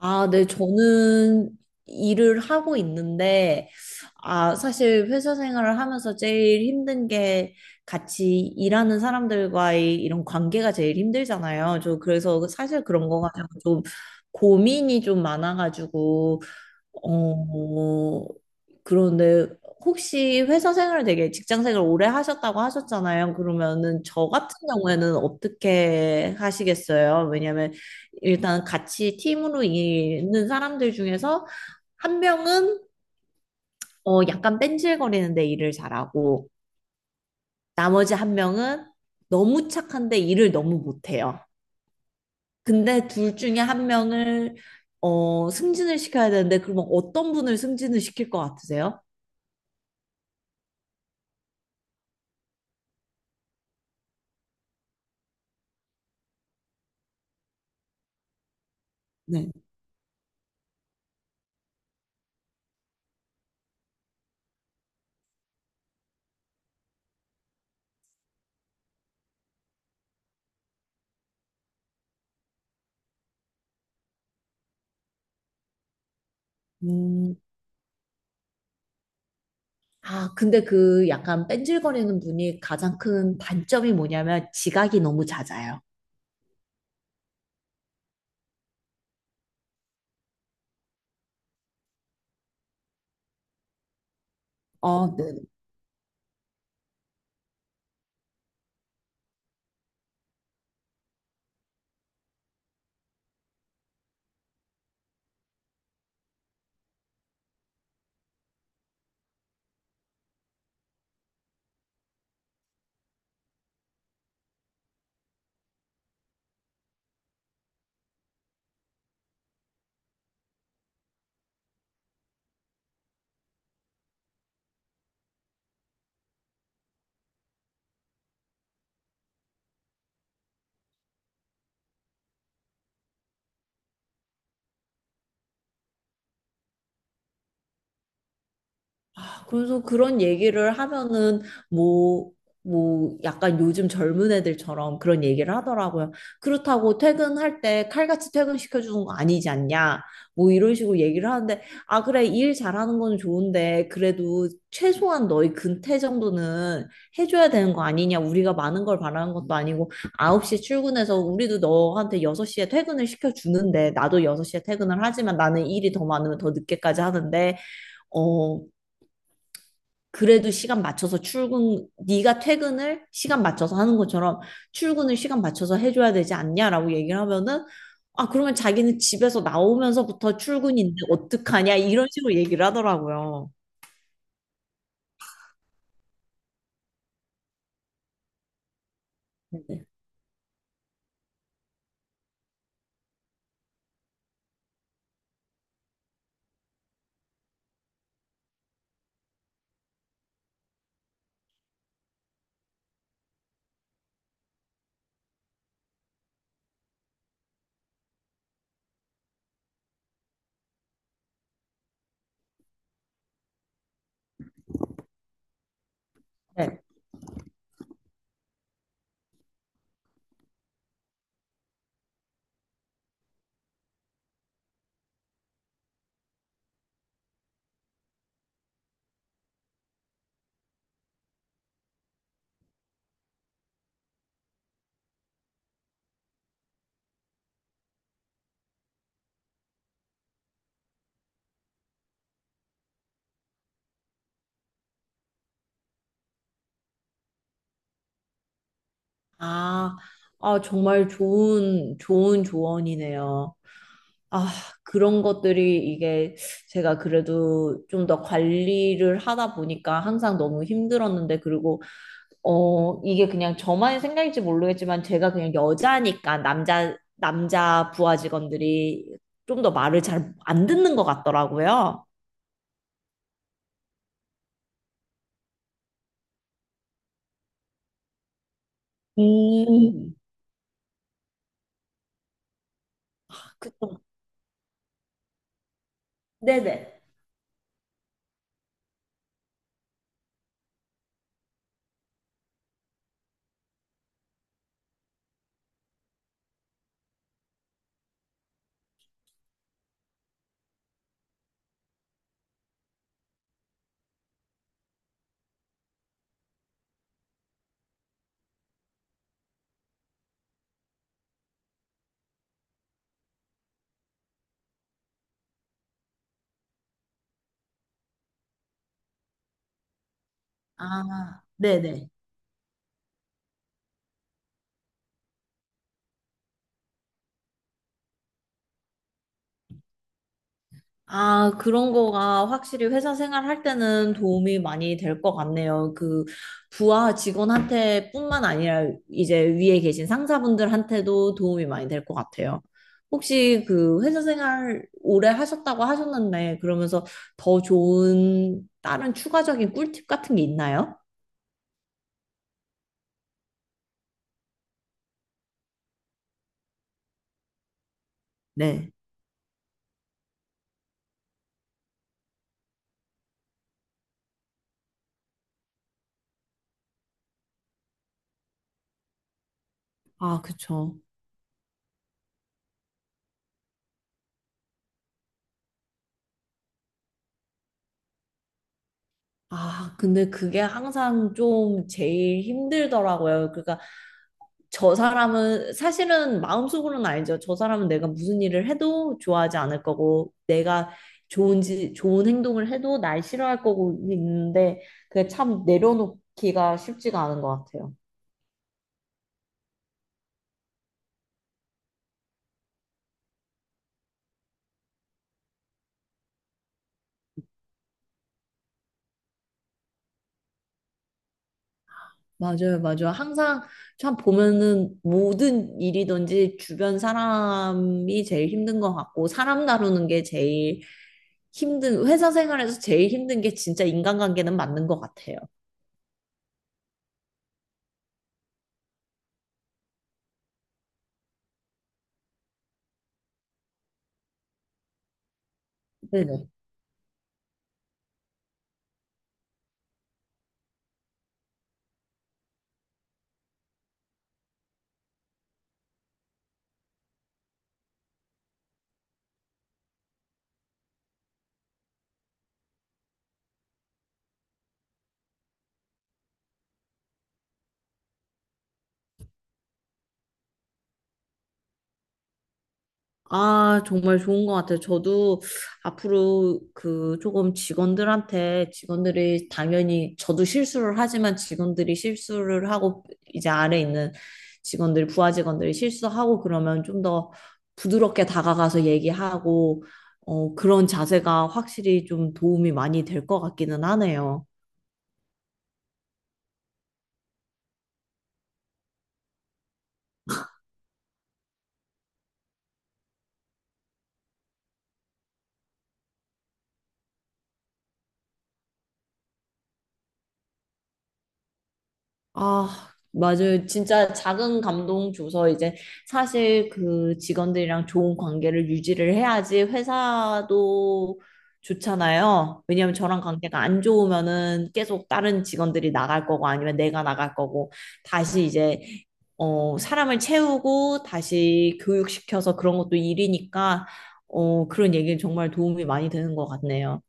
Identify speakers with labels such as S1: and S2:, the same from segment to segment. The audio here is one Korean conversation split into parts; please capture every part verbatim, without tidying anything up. S1: 아, 네, 저는 일을 하고 있는데, 아, 사실 회사 생활을 하면서 제일 힘든 게 같이 일하는 사람들과의 이런 관계가 제일 힘들잖아요. 저 그래서 사실 그런 거 가지고 좀 고민이 좀 많아가지고, 어, 그런데 혹시 회사 생활 되게 직장 생활 오래 하셨다고 하셨잖아요. 그러면은 저 같은 경우에는 어떻게 하시겠어요? 왜냐면 일단 같이 팀으로 있는 사람들 중에서 한 명은 어, 약간 뺀질거리는데 일을 잘하고 나머지 한 명은 너무 착한데 일을 너무 못해요. 근데 둘 중에 한 명을 어, 승진을 시켜야 되는데 그러면 어떤 분을 승진을 시킬 것 같으세요? 네. 음, 아, 근데 그 약간 뺀질거리는 분이 가장 큰 단점이 뭐냐면 지각이 너무 잦아요. 아, 네. 그래서 그런 얘기를 하면은 뭐, 뭐 약간 요즘 젊은 애들처럼 그런 얘기를 하더라고요. 그렇다고 퇴근할 때 칼같이 퇴근시켜 주는 거 아니지 않냐? 뭐 이런 식으로 얘기를 하는데, 아, 그래, 일 잘하는 건 좋은데 그래도 최소한 너희 근태 정도는 해줘야 되는 거 아니냐? 우리가 많은 걸 바라는 것도 아니고 아홉 시 출근해서 우리도 너한테 여섯 시에 퇴근을 시켜 주는데 나도 여섯 시에 퇴근을 하지만 나는 일이 더 많으면 더 늦게까지 하는데, 어 그래도 시간 맞춰서 출근, 네가 퇴근을 시간 맞춰서 하는 것처럼 출근을 시간 맞춰서 해줘야 되지 않냐라고 얘기를 하면은, 아, 그러면 자기는 집에서 나오면서부터 출근인데 어떡하냐 이런 식으로 얘기를 하더라고요. 네. 아, 아, 정말 좋은, 좋은 조언이네요. 아, 그런 것들이 이게 제가 그래도 좀 더 관리를 하다 보니까 항상 너무 힘들었는데, 그리고 어, 이게 그냥 저만의 생각일지 모르겠지만 제가 그냥 여자니까 남자, 남자 부하 직원들이 좀 더 말을 잘 안 듣는 것 같더라고요. 음, 그쵸. 네네. 아, 네네. 아, 그런 거가 확실히 회사 생활할 때는 도움이 많이 될 것 같네요. 그 부하 직원한테뿐만 아니라 이제 위에 계신 상사분들한테도 도움이 많이 될 것 같아요. 혹시 그 회사 생활 오래 하셨다고 하셨는데 그러면서 더 좋은 다른 추가적인 꿀팁 같은 게 있나요? 네. 아, 그쵸. 아, 근데 그게 항상 좀 제일 힘들더라고요. 그러니까 저 사람은 사실은 마음속으로는 알죠. 저 사람은 내가 무슨 일을 해도 좋아하지 않을 거고 내가 좋은지 좋은 행동을 해도 날 싫어할 거고 있는데 그게 참 내려놓기가 쉽지가 않은 것 같아요. 맞아요, 맞아요. 항상 참 보면은 모든 일이든지 주변 사람이 제일 힘든 것 같고 사람 다루는 게 제일 힘든 회사 생활에서 제일 힘든 게 진짜 인간관계는 맞는 것 같아요. 네네. 아, 정말 좋은 것 같아요. 저도 앞으로 그 조금 직원들한테 직원들이 당연히 저도 실수를 하지만 직원들이 실수를 하고 이제 아래 있는 직원들, 부하 직원들이 실수하고 그러면 좀 더 부드럽게 다가가서 얘기하고 어, 그런 자세가 확실히 좀 도움이 많이 될 것 같기는 하네요. 아, 맞아요. 진짜 작은 감동 줘서 이제 사실 그 직원들이랑 좋은 관계를 유지를 해야지 회사도 좋잖아요. 왜냐하면 저랑 관계가 안 좋으면은 계속 다른 직원들이 나갈 거고 아니면 내가 나갈 거고 다시 이제 어, 사람을 채우고 다시 교육시켜서 그런 것도 일이니까 어, 그런 얘기는 정말 도움이 많이 되는 것 같네요.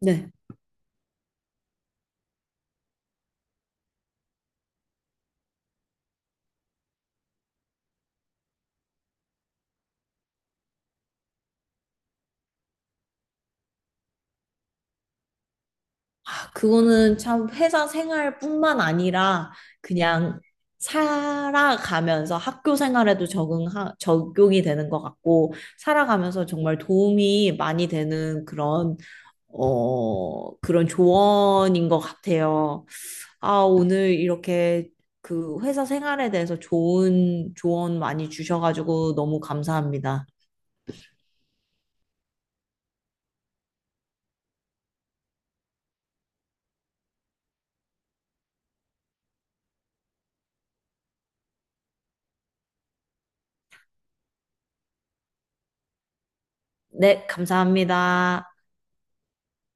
S1: 네. 아, 그거는 참 회사 생활뿐만 아니라 그냥 살아가면서 학교 생활에도 적응, 적용이 되는 것 같고, 살아가면서 정말 도움이 많이 되는 그런, 어, 그런 조언인 것 같아요. 아, 오늘 이렇게 그 회사 생활에 대해서 좋은 조언 많이 주셔가지고 너무 감사합니다. 네, 감사합니다.